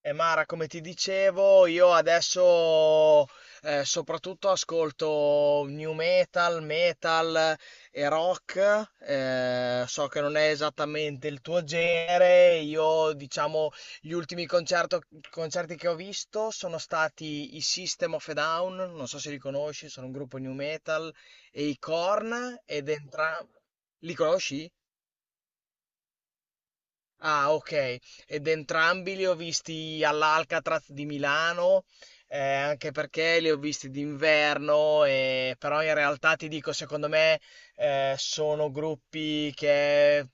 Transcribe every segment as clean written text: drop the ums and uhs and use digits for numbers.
E Mara, come ti dicevo, io adesso soprattutto ascolto new metal, metal e rock. So che non è esattamente il tuo genere. Io, diciamo, gli ultimi concerto- concerti che ho visto sono stati i System of a Down, non so se li conosci, sono un gruppo new metal, e i Korn, ed entrambi... Li conosci? Ah, okay. Ed entrambi li ho visti all'Alcatraz di Milano, anche perché li ho visti d'inverno, però in realtà ti dico, secondo me, sono gruppi che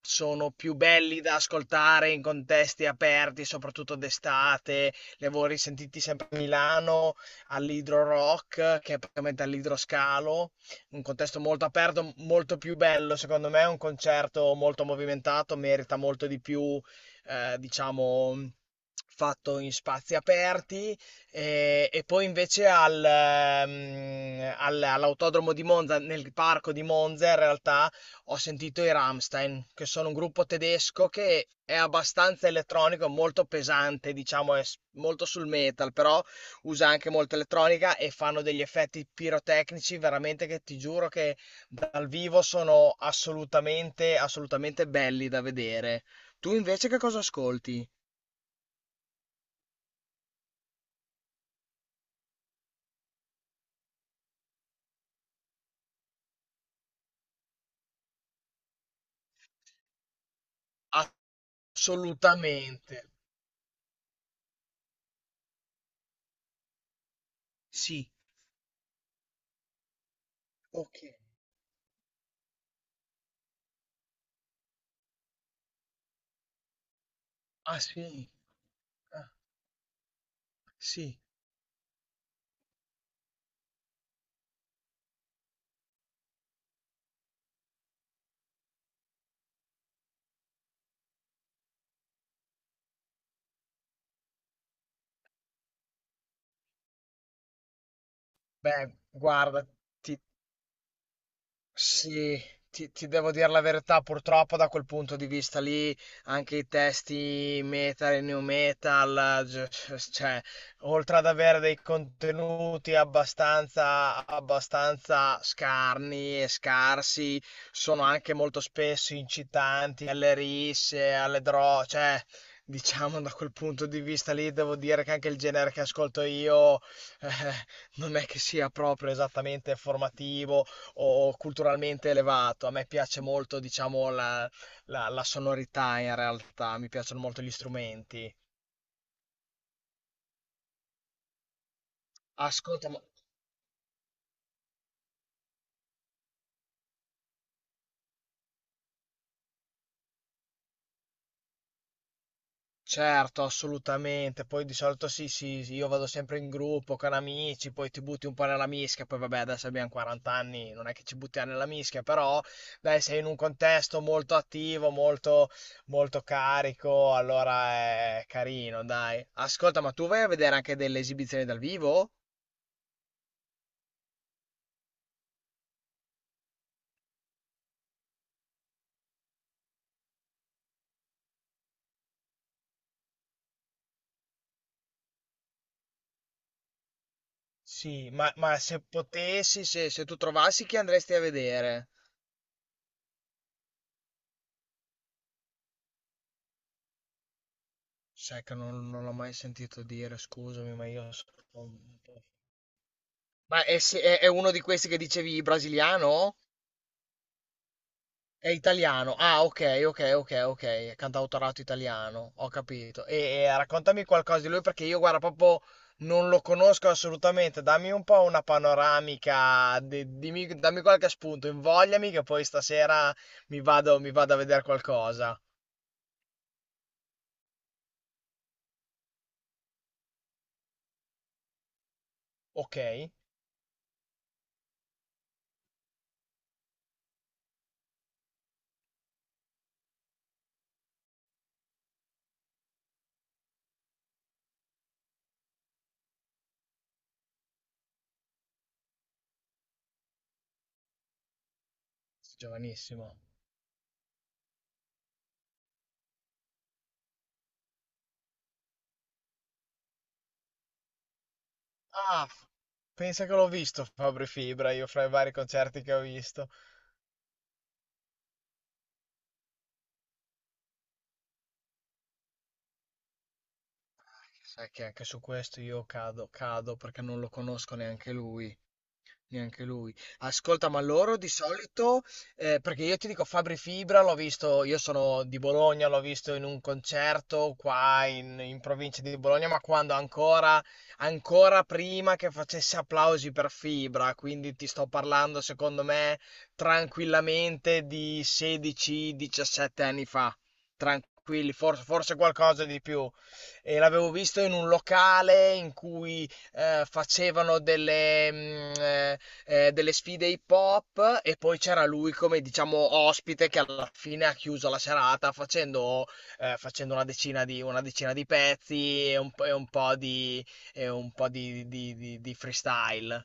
sono più belli da ascoltare in contesti aperti, soprattutto d'estate. Li avevo risentiti sempre a Milano all'Hydro Rock, che è praticamente all'Idroscalo, un contesto molto aperto, molto più bello, secondo me, è un concerto molto movimentato, merita molto di più, diciamo, fatto in spazi aperti, e poi invece all'autodromo di Monza, nel parco di Monza, in realtà ho sentito i Rammstein, che sono un gruppo tedesco che è abbastanza elettronico, molto pesante, diciamo, molto sul metal, però usa anche molta elettronica e fanno degli effetti pirotecnici veramente che ti giuro che dal vivo sono assolutamente, assolutamente belli da vedere. Tu invece che cosa ascolti? Assolutamente. Sì. Ok. Ah sì. Ah, sì. Beh, guarda, ti, sì, ti devo dire la verità, purtroppo da quel punto di vista lì anche i testi metal e new metal, cioè, oltre ad avere dei contenuti abbastanza, abbastanza scarni e scarsi, sono anche molto spesso incitanti alle risse, alle droghe, cioè, diciamo da quel punto di vista lì devo dire che anche il genere che ascolto io eh, non è che sia proprio esattamente formativo o culturalmente elevato. A me piace molto, diciamo, la sonorità in realtà, mi piacciono molto gli strumenti. Ascolta, ma- certo, assolutamente. Poi di solito sì, sì, sì, io vado sempre in gruppo con amici, poi ti butti un po' nella mischia, poi vabbè, adesso abbiamo 40 anni, non è che ci buttiamo nella mischia, però dai, sei in un contesto molto attivo, molto, molto carico, allora è carino, dai. Ascolta, ma tu vai a vedere anche delle esibizioni dal vivo? Sì, ma se potessi, se tu trovassi chi andresti a vedere? Sai che non, non l'ho mai sentito dire, scusami, ma io sono un po'... Ma è, se- è uno di questi che dicevi brasiliano? È italiano. Ah, ok, ok, ok, ok. Cantautorato italiano, ho capito. E raccontami qualcosa di lui perché io, guarda, proprio non lo conosco assolutamente. Dammi un po' una panoramica, dammi qualche spunto, invogliami che poi stasera mi vado a vedere qualcosa. Ok. Giovanissimo. Ah, f- pensa che l'ho visto Fabri Fibra, io fra i vari concerti che ho visto. Sai che anche su questo io cado, cado perché non lo conosco neanche lui. Neanche lui. Ascolta, ma loro di solito, perché io ti dico Fabri Fibra, l'ho visto, io sono di Bologna, l'ho visto in un concerto qua in provincia di Bologna, ma quando ancora, ancora prima che facesse applausi per Fibra, quindi ti sto parlando, secondo me, tranquillamente di 16-17 anni fa. Tranquilli, forse, forse qualcosa di più. E l'avevo visto in un locale in cui delle sfide hip hop e poi c'era lui come diciamo ospite che alla fine ha chiuso la serata facendo, facendo una decina di pezzi e e un po' di, di freestyle.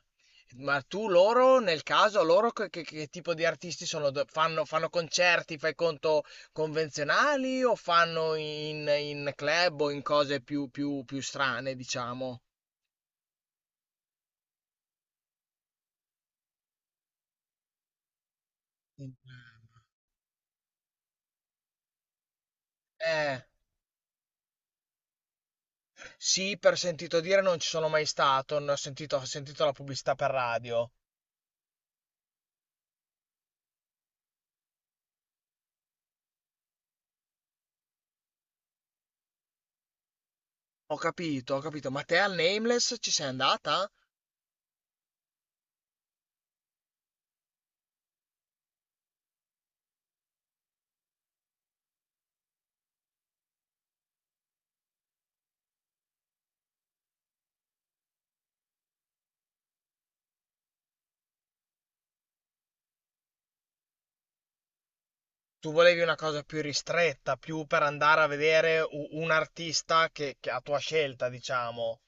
Ma tu loro, nel caso, loro che tipo di artisti sono? Fanno, fanno concerti, fai conto, convenzionali o fanno in, in club o in cose più, più, più strane, diciamo? In- Eh. Sì, per sentito dire, non ci sono mai stato, ne ho sentito la pubblicità per radio. Ho capito, ma te al Nameless ci sei andata? Tu volevi una cosa più ristretta, più per andare a vedere un artista che a tua scelta, diciamo.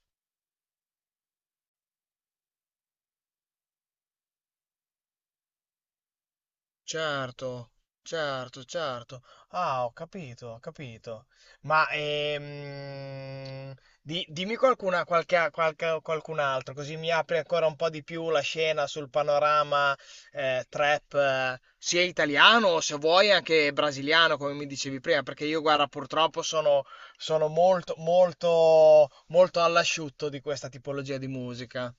Certo, certo, certo. Ah, ho capito, ho capito. Ma dimmi qualcuna, qualche, qualcun altro, così mi apri ancora un po' di più la scena sul panorama trap, sia italiano o se vuoi anche brasiliano, come mi dicevi prima, perché io, guarda, purtroppo sono, sono molto, molto, molto all'asciutto di questa tipologia di musica.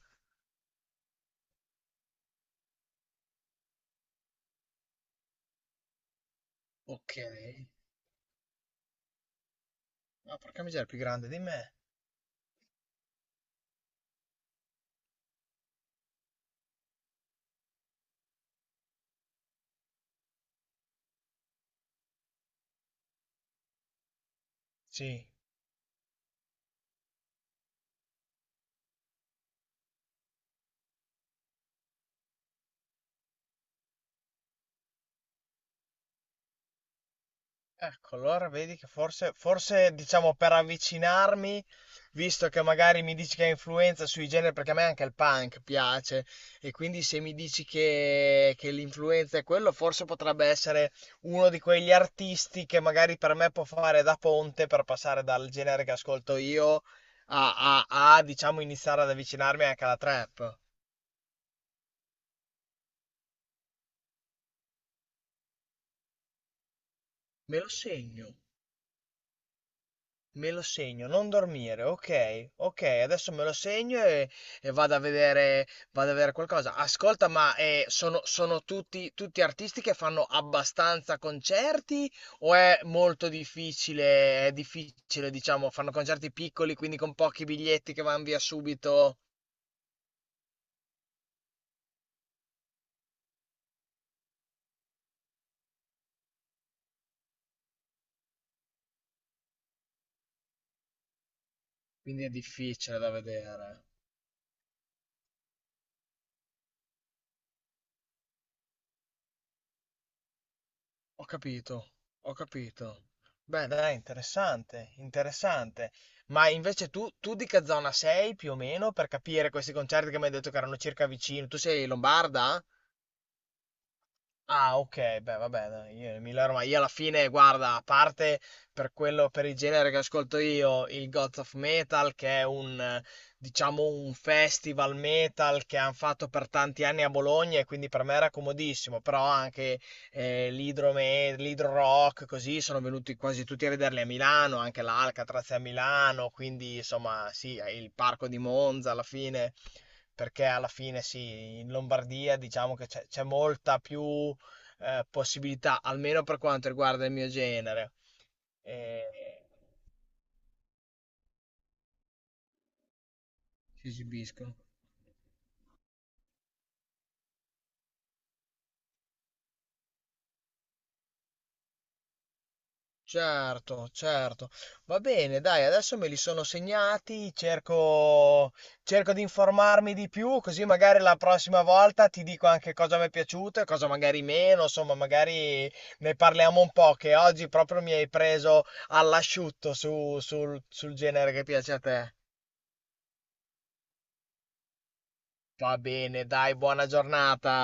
Ok. Ma porca miseria, è più grande di me. Sì. Ecco, allora vedi che forse, forse diciamo per avvicinarmi, visto che magari mi dici che ha influenza sui generi, perché a me anche il punk piace, e quindi se mi dici che l'influenza è quello, forse potrebbe essere uno di quegli artisti che magari per me può fare da ponte per passare dal genere che ascolto io a, diciamo, iniziare ad avvicinarmi anche alla trap. Me lo segno. Me lo segno, non dormire, ok, ok, adesso me lo segno e vado a vedere qualcosa. Ascolta, ma sono, sono tutti, tutti artisti che fanno abbastanza concerti o è molto difficile, è difficile, diciamo, fanno concerti piccoli, quindi con pochi biglietti che vanno via subito, quindi è difficile da vedere. Ho capito, ho capito. Beh, dai, interessante, interessante. Ma invece tu, tu di che zona sei più o meno per capire questi concerti che mi hai detto che erano circa vicino? Tu sei lombarda? Ah, ok, beh, vabbè, dai, io Emilia Romagna, io alla fine, guarda, a parte per quello, per il genere che ascolto io, il Gods of Metal, che è un, diciamo, un festival metal che hanno fatto per tanti anni a Bologna e quindi per me era comodissimo, però anche l'Hydro Rock, così, sono venuti quasi tutti a vederli a Milano, anche l'Alcatraz è a Milano, quindi, insomma, sì, il Parco di Monza alla fine, perché alla fine sì, in Lombardia diciamo che c'è molta più possibilità, almeno per quanto riguarda il mio genere. Eh, si esibiscono. Certo, certo. Va bene, dai, adesso me li sono segnati, cerco, cerco di informarmi di più, così magari la prossima volta ti dico anche cosa mi è piaciuto e cosa magari meno, insomma, magari ne parliamo un po', che oggi proprio mi hai preso all'asciutto sul sul genere che piace a te. Va bene, dai, buona giornata.